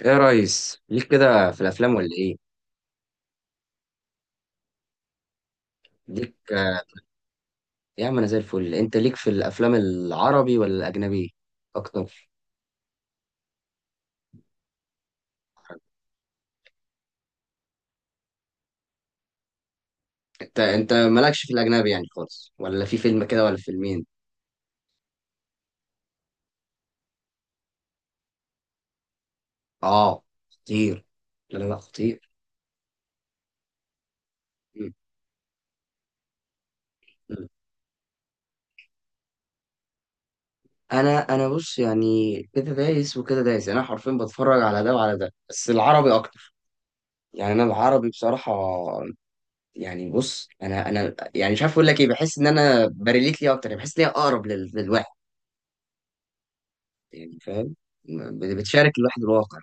ايه يا ريس، ليك كده في الافلام ولا ايه؟ ليك آه، يا عم انا زي الفل. انت ليك في الافلام العربي ولا الاجنبي اكتر؟ انت مالكش في الاجنبي يعني خالص، ولا في فيلم كده ولا فيلمين؟ اه خطير. لا لا لا خطير. م- م. انا بص، يعني كده دايس وكده دايس، يعني انا حرفيا بتفرج على ده وعلى ده، بس العربي اكتر. يعني انا العربي بصراحه. يعني بص، انا يعني مش عارف اقول لك ايه، بحس ان انا بريليت ليه اكتر، يعني بحس ليه اقرب للواحد. يعني فاهم. بتشارك الواحد الواقع.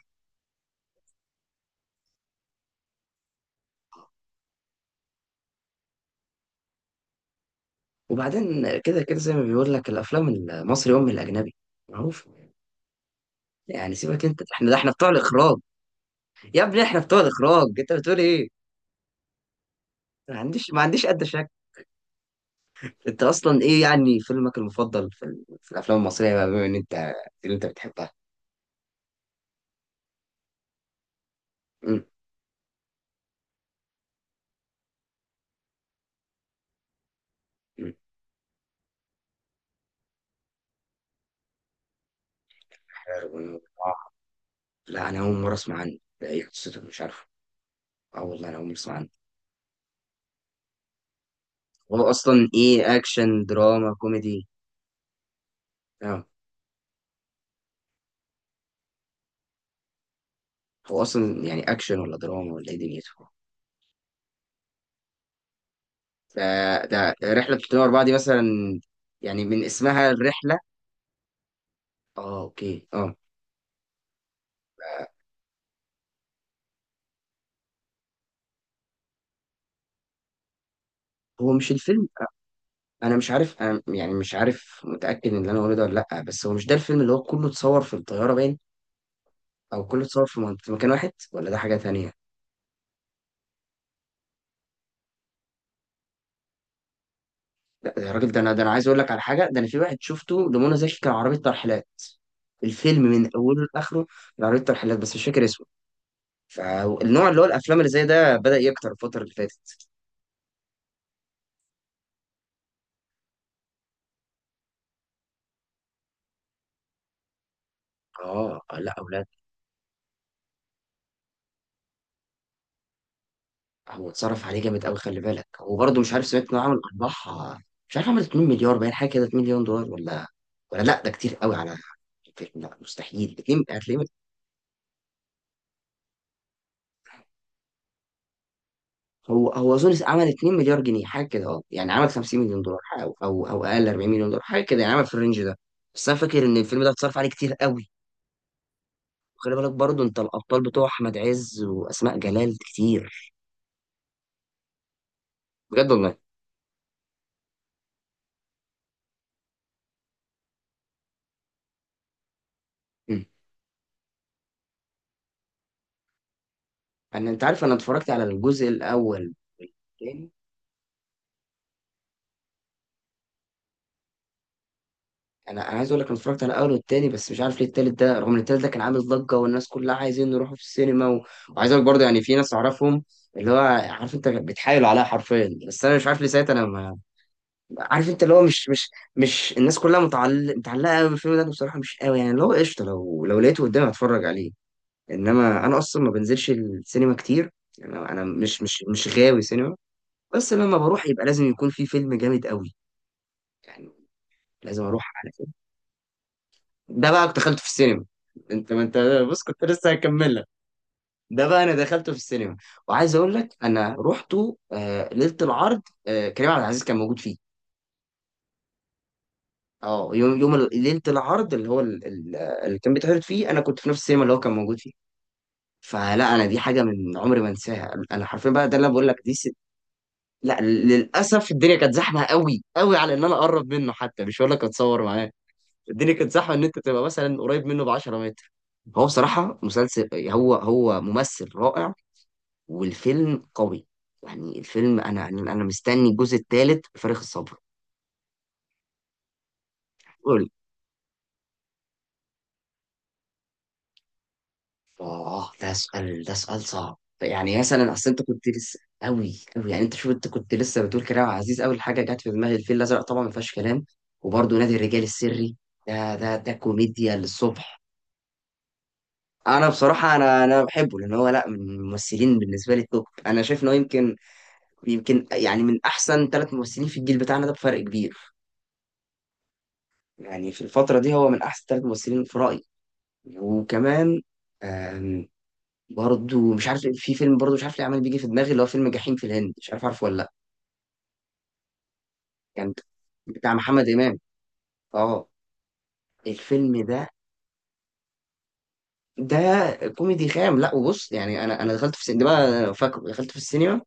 وبعدين كده كده زي ما بيقول لك، الافلام المصري ام الاجنبي معروف. يعني سيبك انت، احنا ده احنا بتوع الاخراج. يا ابني احنا بتوع الاخراج، انت بتقول ايه؟ ما عنديش ادنى شك. انت اصلا ايه يعني فيلمك المفضل في الافلام المصريه بقى، بما ان انت اللي انت بتحبها. امم. أمم. حلو، أمم. آه. لا انا اول مره اسمع عنه، لا، ايه قصته؟ مش عارفه. اه والله انا اول مره اسمع عنه. هو اصلا ايه؟ اكشن دراما كوميدي؟ اه. هو اصلا يعني اكشن ولا دراما ولا ايه دنيته؟ ده ده رحلة 304 دي مثلا، يعني من اسمها الرحلة. اه اوكي اه. هو مش الفيلم، انا مش عارف، انا يعني مش عارف متأكد ان اللي انا بقوله ده ولا لا، بس هو مش ده الفيلم اللي هو كله اتصور في الطيارة باين، او كله اتصور في مكان واحد، ولا ده حاجة تانية؟ لا يا راجل، ده انا، ده انا عايز اقول لك على حاجة، ده انا في واحد شفته لمنى زكي كان عربية ترحيلات. الفيلم من اوله لاخره كان عربية ترحيلات، بس مش فاكر اسمه. فالنوع اللي هو الافلام اللي زي ده بدأ يكتر الفترة اللي فاتت. اه لا اولاد. هو اتصرف عليه جامد قوي، خلي بالك، وبرضه مش عارف، سمعت انه عمل ارباح. مش عارف عمل 2 مليار باين حاجه كده، 2 مليون دولار، ولا ولا لا، ده كتير قوي على الفيلم. لا مستحيل 2 هتلاقيه. هو اظن عمل 2 مليار جنيه حاجه كده، اه يعني عمل 50 مليون دولار حاجة، او اقل 40 مليون دولار حاجه كده، يعني عمل في الرينج ده. بس انا فاكر ان الفيلم ده اتصرف عليه كتير قوي. وخلي بالك برضه انت، الابطال بتوع احمد عز واسماء جلال كتير. بجد والله. مم. انا، انت عارف، انا اتفرجت على الجزء الاول والتاني. انا عايز اقول لك انا اتفرجت على الاول والتاني، بس مش عارف ليه التالت ده، رغم ان التالت ده كان عامل ضجه والناس كلها عايزين نروحوا في السينما وعايز اقول لك برضه يعني في ناس اعرفهم، اللي هو عارف انت بتحايل عليها حرفيا، بس انا مش عارف ليه ساعتها انا ما... عارف انت اللي هو مش مش الناس كلها متعلقه قوي بالفيلم ده. أنا بصراحه مش قوي، يعني اللي هو قشطه، لو لقيته قدامي هتفرج عليه. انما انا اصلا ما بنزلش السينما كتير. يعني انا، أنا مش غاوي سينما، بس لما بروح يبقى لازم يكون في فيلم جامد قوي. يعني لازم اروح. ده بقى كنت دخلته في السينما. انت ما انت. بص كنت لسه هكمل لك، ده بقى انا دخلته في السينما. وعايز اقول لك انا رحته آه ليله العرض، آه كريم عبد العزيز كان موجود فيه. اه ليله العرض اللي هو اللي كان بيتعرض فيه، انا كنت في نفس السينما اللي هو كان موجود فيه. فلا انا دي حاجه من عمري ما انساها، انا حرفيا بقى ده اللي أنا بقول لك، لا للاسف الدنيا كانت زحمه قوي قوي على ان انا اقرب منه، حتى مش هقول لك اتصور معاه. الدنيا كانت زحمه ان انت تبقى مثلا قريب منه ب 10 متر. هو بصراحه مسلسل، هو ممثل رائع والفيلم قوي. يعني الفيلم، انا انا أنا مستني الجزء الثالث بفارغ الصبر. قول لي. اه ده سؤال، ده سؤال صعب، يعني مثلا اصل انت كنت لسه قوي قوي، يعني انت شوف انت كنت لسه بتقول كريم عبد العزيز، اول حاجه جت في دماغي الفيل الازرق، طبعا ما فيهاش كلام. وبرده نادي الرجال السري، ده كوميديا للصبح. انا بصراحه، انا بحبه لان هو لا من الممثلين بالنسبه لي توب، انا شايف انه يمكن، يعني من احسن ثلاث ممثلين في الجيل بتاعنا ده بفرق كبير. يعني في الفتره دي هو من احسن ثلاث ممثلين في رايي. وكمان، آم، برضو مش عارف في فيلم، برضو مش عارف ليه عمال بيجي في دماغي، اللي هو فيلم جحيم في الهند، مش عارف عارفه ولا لا. كان بتاع محمد امام. اه الفيلم ده، ده كوميدي خام. لا وبص يعني انا دخلت في السينما، فاكر دخلت في السينما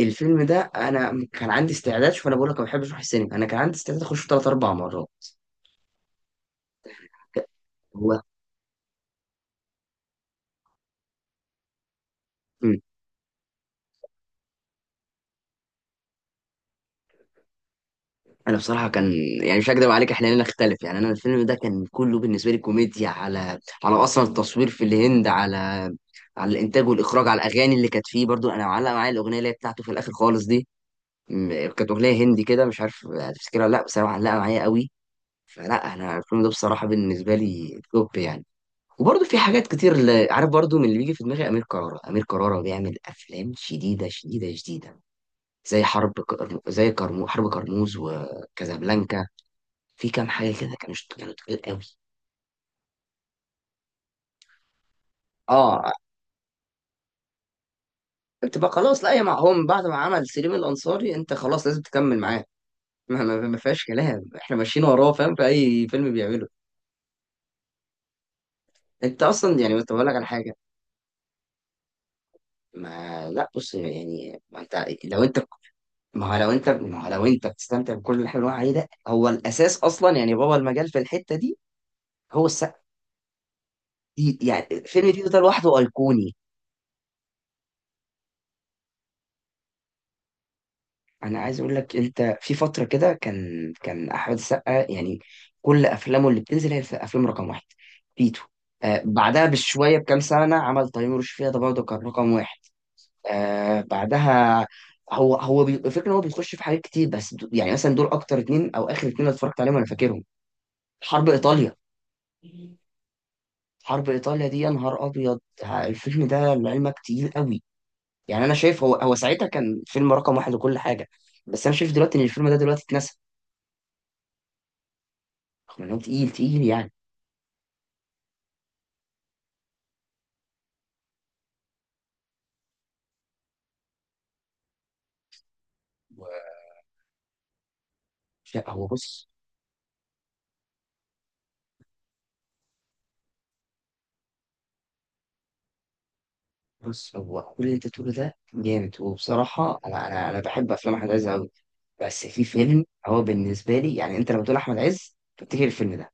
الفيلم ده، انا كان عندي استعداد، شوف انا بقول لك ما بحبش اروح السينما، انا كان عندي استعداد اخش ثلاث اربع مرات. هو انا بصراحه كان يعني مش هكدب عليك، احنا لنا اختلف يعني. انا الفيلم ده كان كله بالنسبه لي كوميديا، على على اصلا التصوير في الهند، على على الانتاج والاخراج، على الاغاني اللي كانت فيه. برضو انا معلق معايا الاغنيه اللي هي بتاعته في الاخر خالص دي، كانت اغنيه هندي كده، مش عارف هتفتكرها ولا لا، بس انا معلقه معايا قوي. فلا انا الفيلم ده بصراحه بالنسبه لي توب يعني. وبرضه في حاجات كتير، عارف برضه من اللي بيجي في دماغي، امير كرارة. امير كرارة بيعمل افلام شديده شديده شديده، زي حرب كرموز وكازابلانكا. في كام حاجة كده كانوا اشتغلوا تقيل قوي. اه تبقى خلاص لا يا معهم، بعد ما عمل سليم الأنصاري انت خلاص لازم تكمل معاه. ما فيهاش كلام، احنا ماشيين وراه فاهم في اي فيلم بيعمله. انت اصلا يعني كنت بقول لك على حاجة. ما لا بص يعني ما هو لو انت بتستمتع بكل اللي حلو عليه ده هو الاساس اصلا، يعني بابا المجال في الحتة دي هو السقا دي، يعني الفيلم ده لوحده ايقوني. انا عايز اقول لك، انت في فتره كده كان احمد السقا، يعني كل افلامه اللي بتنزل هي افلام رقم واحد. تيتو. آه بعدها بشويه بكام سنه عمل تيمور وشفيقة، ده برضه كان رقم واحد. آه بعدها هو الفكره ان هو بيخش في حاجات كتير، بس يعني مثلا دول اكتر اتنين او اخر اتنين اللي اتفرجت عليهم انا فاكرهم. حرب ايطاليا. حرب ايطاليا دي يا نهار ابيض، ها، الفيلم ده لعلمك تقيل قوي. يعني انا شايف هو ساعتها كان فيلم رقم واحد وكل حاجه، بس انا شايف دلوقتي ان الفيلم ده دلوقتي اتنسى. خلانه تقيل تقيل يعني. و- لا هو بص، بص هو كل اللي انت تقوله ده جامد، وبصراحة أنا بحب أفلام أحمد عز أوي. بس في فيلم هو بالنسبة لي، يعني أنت لما تقول أحمد عز تفتكر الفيلم ده،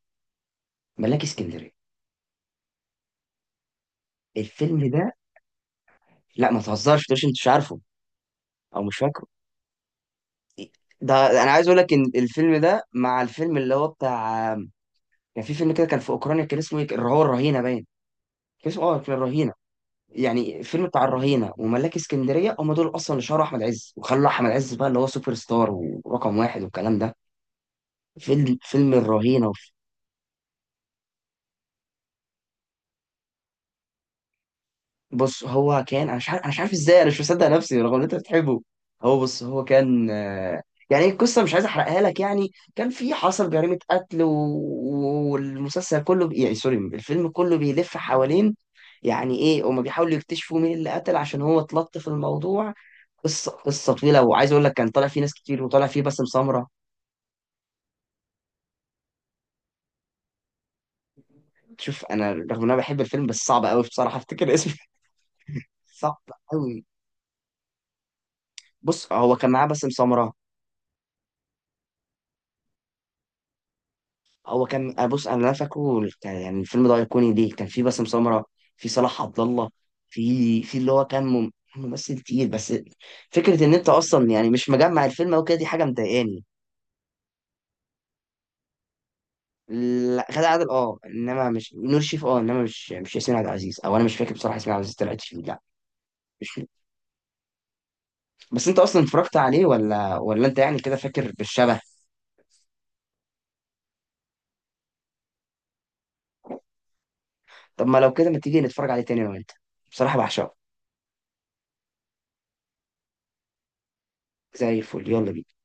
ملاك اسكندرية. الفيلم ده، لا ما تهزرش، مش أنت مش عارفه أو مش فاكره؟ ده أنا عايز أقول لك إن الفيلم ده مع الفيلم اللي هو بتاع، كان في فيلم كده، كان في أوكرانيا، كان اسمه إيه، اللي هو الرهينة باين. كان اسمه أه، كان الرهينة، يعني فيلم بتاع الرهينة وملاك اسكندرية هم دول أصلا اللي شهروا أحمد عز، وخلوا أحمد عز بقى اللي هو سوبر ستار ورقم واحد والكلام ده. فيلم الرهينة، بص هو كان، أنا مش عارف، أنا مش عارف إزاي أنا مش مصدق نفسي رغم إن أنت بتحبه. هو بص هو كان آه، يعني القصة مش عايز أحرقها لك يعني، كان في حصل جريمة قتل يعني سوري، الفيلم كله بيلف حوالين يعني إيه، هما بيحاولوا يكتشفوا مين اللي قتل عشان هو اتلطف في الموضوع. قصه طويله، وعايز اقول لك كان طالع فيه ناس كتير، وطالع فيه باسم سمره. شوف انا رغم ان انا بحب الفيلم بس صعب قوي بصراحه افتكر اسمه. صعب قوي. بص هو كان معاه باسم سمره، هو كان، أنا بص انا اللي أنا فاكره يعني الفيلم ده ايقوني ليه كان فيه باسم سمره، في صلاح عبد الله، في اللي هو كان ممثل تقيل. بس فكره ان انت اصلا يعني مش مجمع الفيلم او كده، دي حاجه مضايقاني. لا غادة عادل اه، انما مش نور شريف اه، انما مش ياسمين عبد العزيز، او انا مش فاكر بصراحه ياسمين عبد العزيز طلعت فيه لا. مش، بس انت اصلا اتفرجت عليه ولا انت يعني كده فاكر بالشبه؟ طب ما لو كده، ما تيجي نتفرج عليه تاني انا وانت، بصراحة بعشقه. زي الفل، يلا بينا.